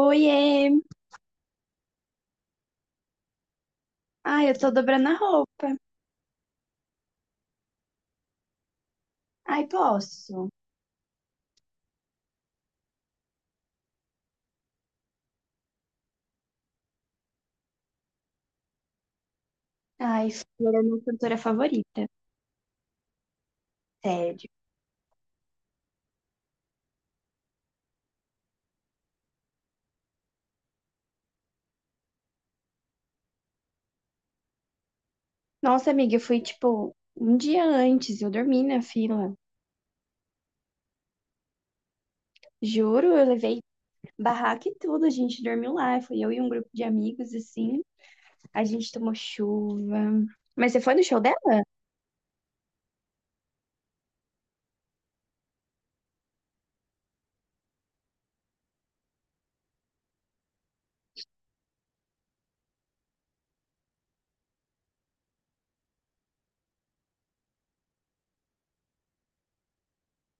Oiê! Ai, eu tô dobrando a roupa. Ai, posso? Ai, Flor é minha cantora favorita. Sério. Nossa, amiga, eu fui tipo um dia antes, eu dormi na fila. Juro, eu levei barraca e tudo, a gente dormiu lá. Fui eu e um grupo de amigos, assim. A gente tomou chuva. Mas você foi no show dela?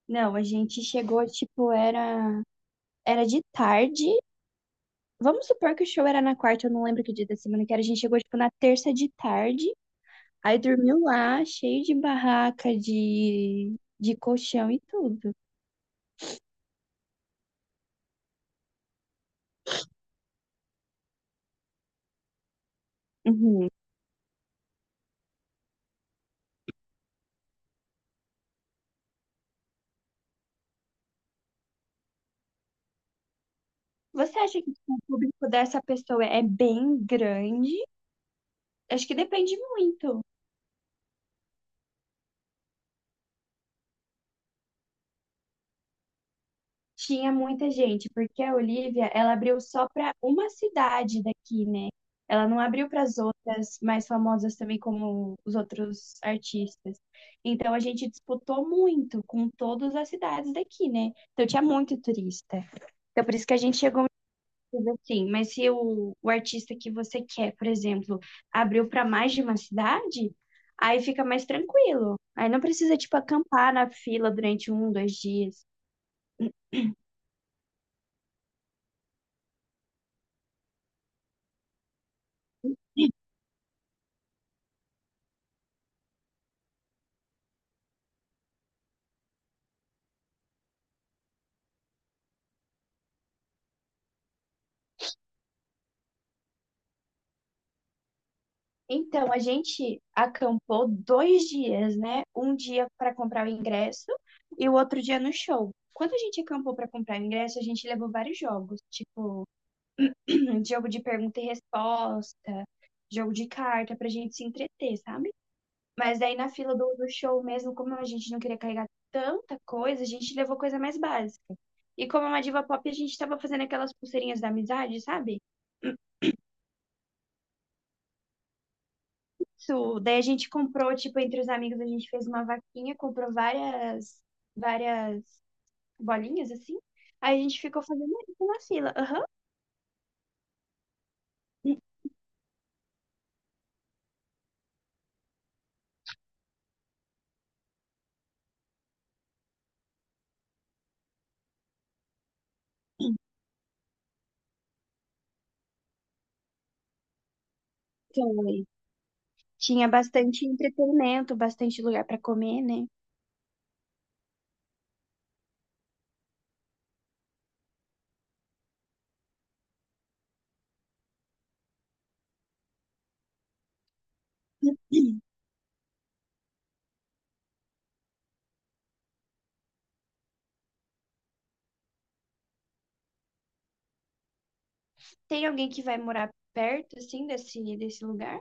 Não, a gente chegou, tipo, era de tarde. Vamos supor que o show era na quarta, eu não lembro que dia da semana que era. A gente chegou, tipo, na terça de tarde. Aí dormiu lá, cheio de barraca, de colchão e tudo. Uhum. Você acha que o público dessa pessoa é bem grande? Acho que depende muito. Tinha muita gente, porque a Olivia, ela abriu só para uma cidade daqui, né? Ela não abriu para as outras mais famosas também, como os outros artistas. Então a gente disputou muito com todas as cidades daqui, né? Então tinha muito turista. Então por isso que a gente chegou. Sim, mas se o artista que você quer, por exemplo, abriu para mais de uma cidade, aí fica mais tranquilo. Aí não precisa, tipo, acampar na fila durante um, dois dias. Então, a gente acampou dois dias, né? Um dia para comprar o ingresso e o outro dia no show. Quando a gente acampou para comprar o ingresso, a gente levou vários jogos, tipo, jogo de pergunta e resposta, jogo de carta, pra gente se entreter, sabe? Mas daí na fila do, do show mesmo, como a gente não queria carregar tanta coisa, a gente levou coisa mais básica. E como é uma diva pop, a gente tava fazendo aquelas pulseirinhas da amizade, sabe? Isso. Daí a gente comprou, tipo, entre os amigos, a gente fez uma vaquinha, comprou várias, várias bolinhas, assim. Aí a gente ficou fazendo isso na fila. Aham. Foi. Tinha bastante entretenimento, bastante lugar pra comer, né? Tem alguém que vai morar perto, assim, desse, desse lugar?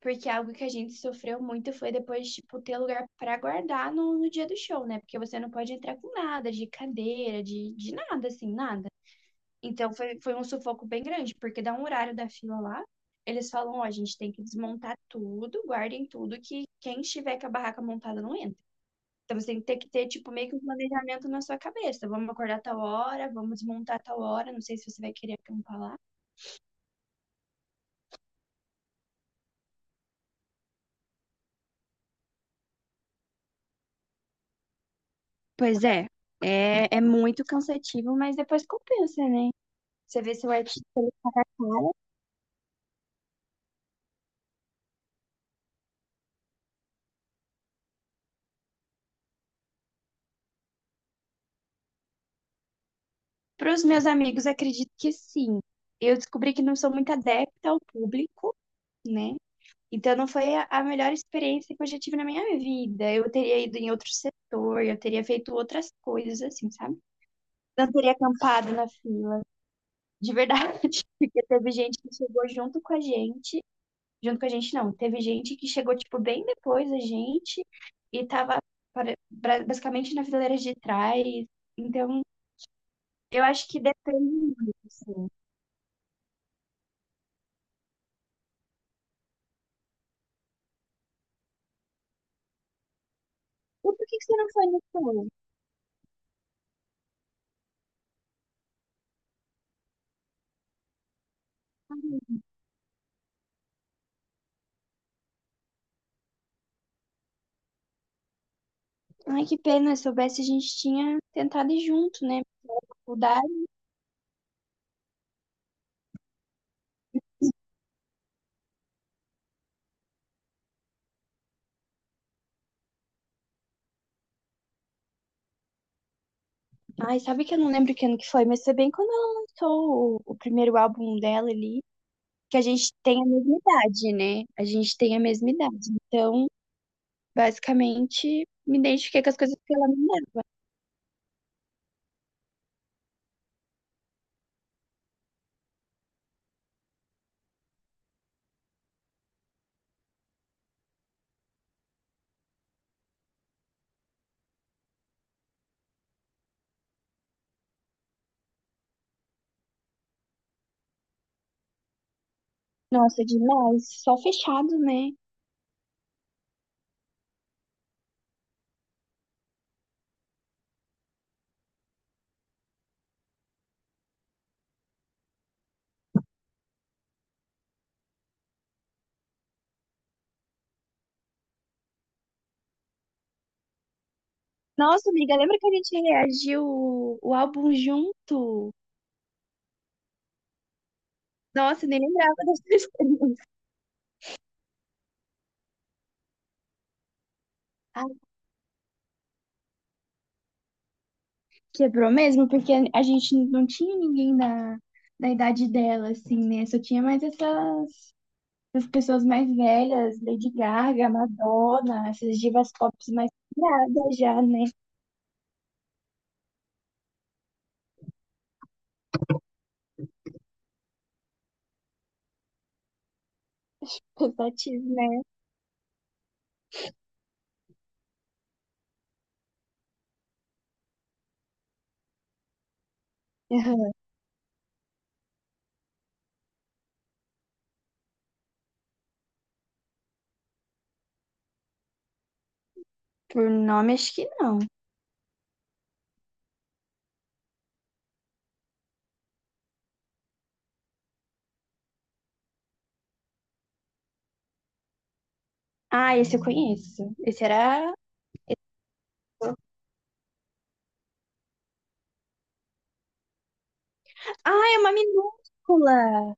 Porque algo que a gente sofreu muito foi depois, tipo, ter lugar pra guardar no, no dia do show, né? Porque você não pode entrar com nada, de cadeira, de nada, assim, nada. Então foi um sufoco bem grande, porque dá um horário da fila lá, eles falam, ó, a gente tem que desmontar tudo, guardem tudo, que quem estiver com a barraca montada não entra. Então você tem que ter, tipo, meio que um planejamento na sua cabeça. Vamos acordar tal hora, vamos desmontar tal hora, não sei se você vai querer acampar lá. Pois é, é, é muito cansativo, mas depois compensa, né? Você vê se o artista é caro. Para os meus amigos, acredito que sim. Eu descobri que não sou muito adepta ao público, né? Então não foi a melhor experiência que eu já tive na minha vida. Eu teria ido em outro setor, eu teria feito outras coisas, assim, sabe? Não teria acampado na fila, de verdade. Porque teve gente que chegou junto com a gente. Junto com a gente, não. Teve gente que chegou, tipo, bem depois da gente e tava basicamente na fileira de trás. Então, eu acho que depende muito, assim. E por que que você não foi no show? Ai, que pena. Se soubesse, a gente tinha tentado ir junto, né? Faculdade. Ai, sabe que eu não lembro que ano que foi, mas foi bem quando ela lançou o primeiro álbum dela ali. Que a gente tem a mesma idade, né? A gente tem a mesma idade. Então, basicamente, me identifiquei com as coisas que ela me deu. Nossa, demais. Só fechado, né? Nossa, amiga, lembra que a gente reagiu o álbum junto? Nossa, nem lembrava dessa. Ah, quebrou mesmo, porque a gente não tinha ninguém da, da idade dela, assim, né? Só tinha mais essas, essas pessoas mais velhas, Lady Gaga, Madonna, essas divas pop mais criadas já, né? Pesativas, né? Aham. Por nome, acho que não. Ah, esse eu conheço. Esse era. Ah, é uma minúscula!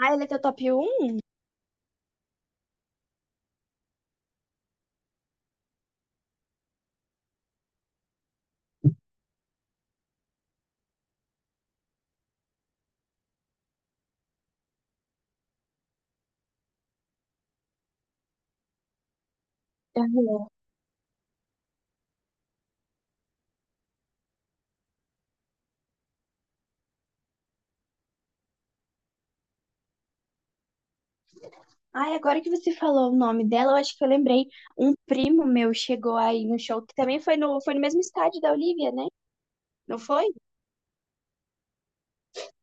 Ah, ela é teu top um. Aham. Ai, agora que você falou o nome dela, eu acho que eu lembrei. Um primo meu chegou aí no show, que também foi no mesmo estádio da Olivia, né? Não foi?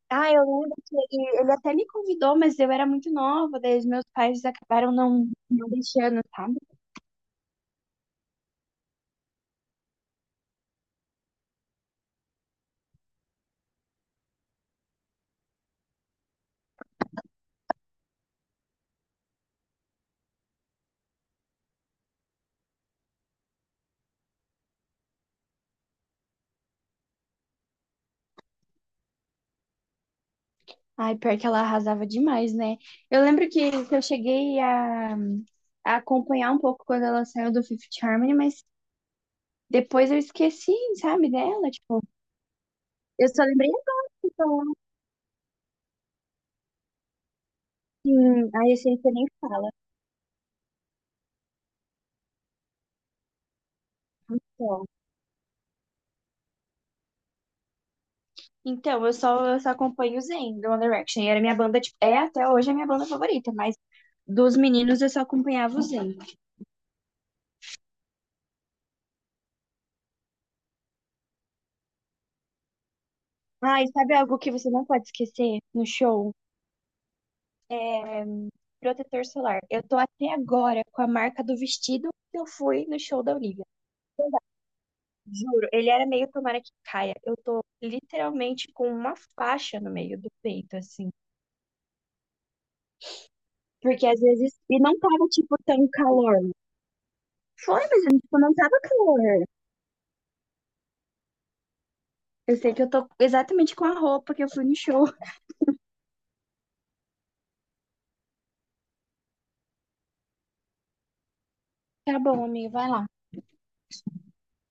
Ah, eu lembro que ele até me convidou, mas eu era muito nova, daí os meus pais acabaram não deixando, sabe? Ai, pior que ela arrasava demais, né? Eu lembro que eu cheguei a acompanhar um pouco quando ela saiu do Fifth Harmony, mas depois eu esqueci, sabe, dela, tipo, eu só lembrei agora, então, assim, a essência nem fala, só. Então, eu só acompanho o Zayn, do One Direction, e era minha banda, tipo, é até hoje a minha banda favorita, mas dos meninos eu só acompanhava o Zayn. Ai, sabe algo que você não pode esquecer no show? É protetor solar. Eu tô até agora com a marca do vestido que eu fui no show da Olivia. Juro, ele era meio tomara que caia. Eu tô literalmente com uma faixa no meio do peito, assim. Porque às vezes. E não tava, tipo, tão calor. Foi, mas tipo, não tava calor. Eu sei que eu tô exatamente com a roupa que eu fui no show. Tá bom, amigo, vai lá.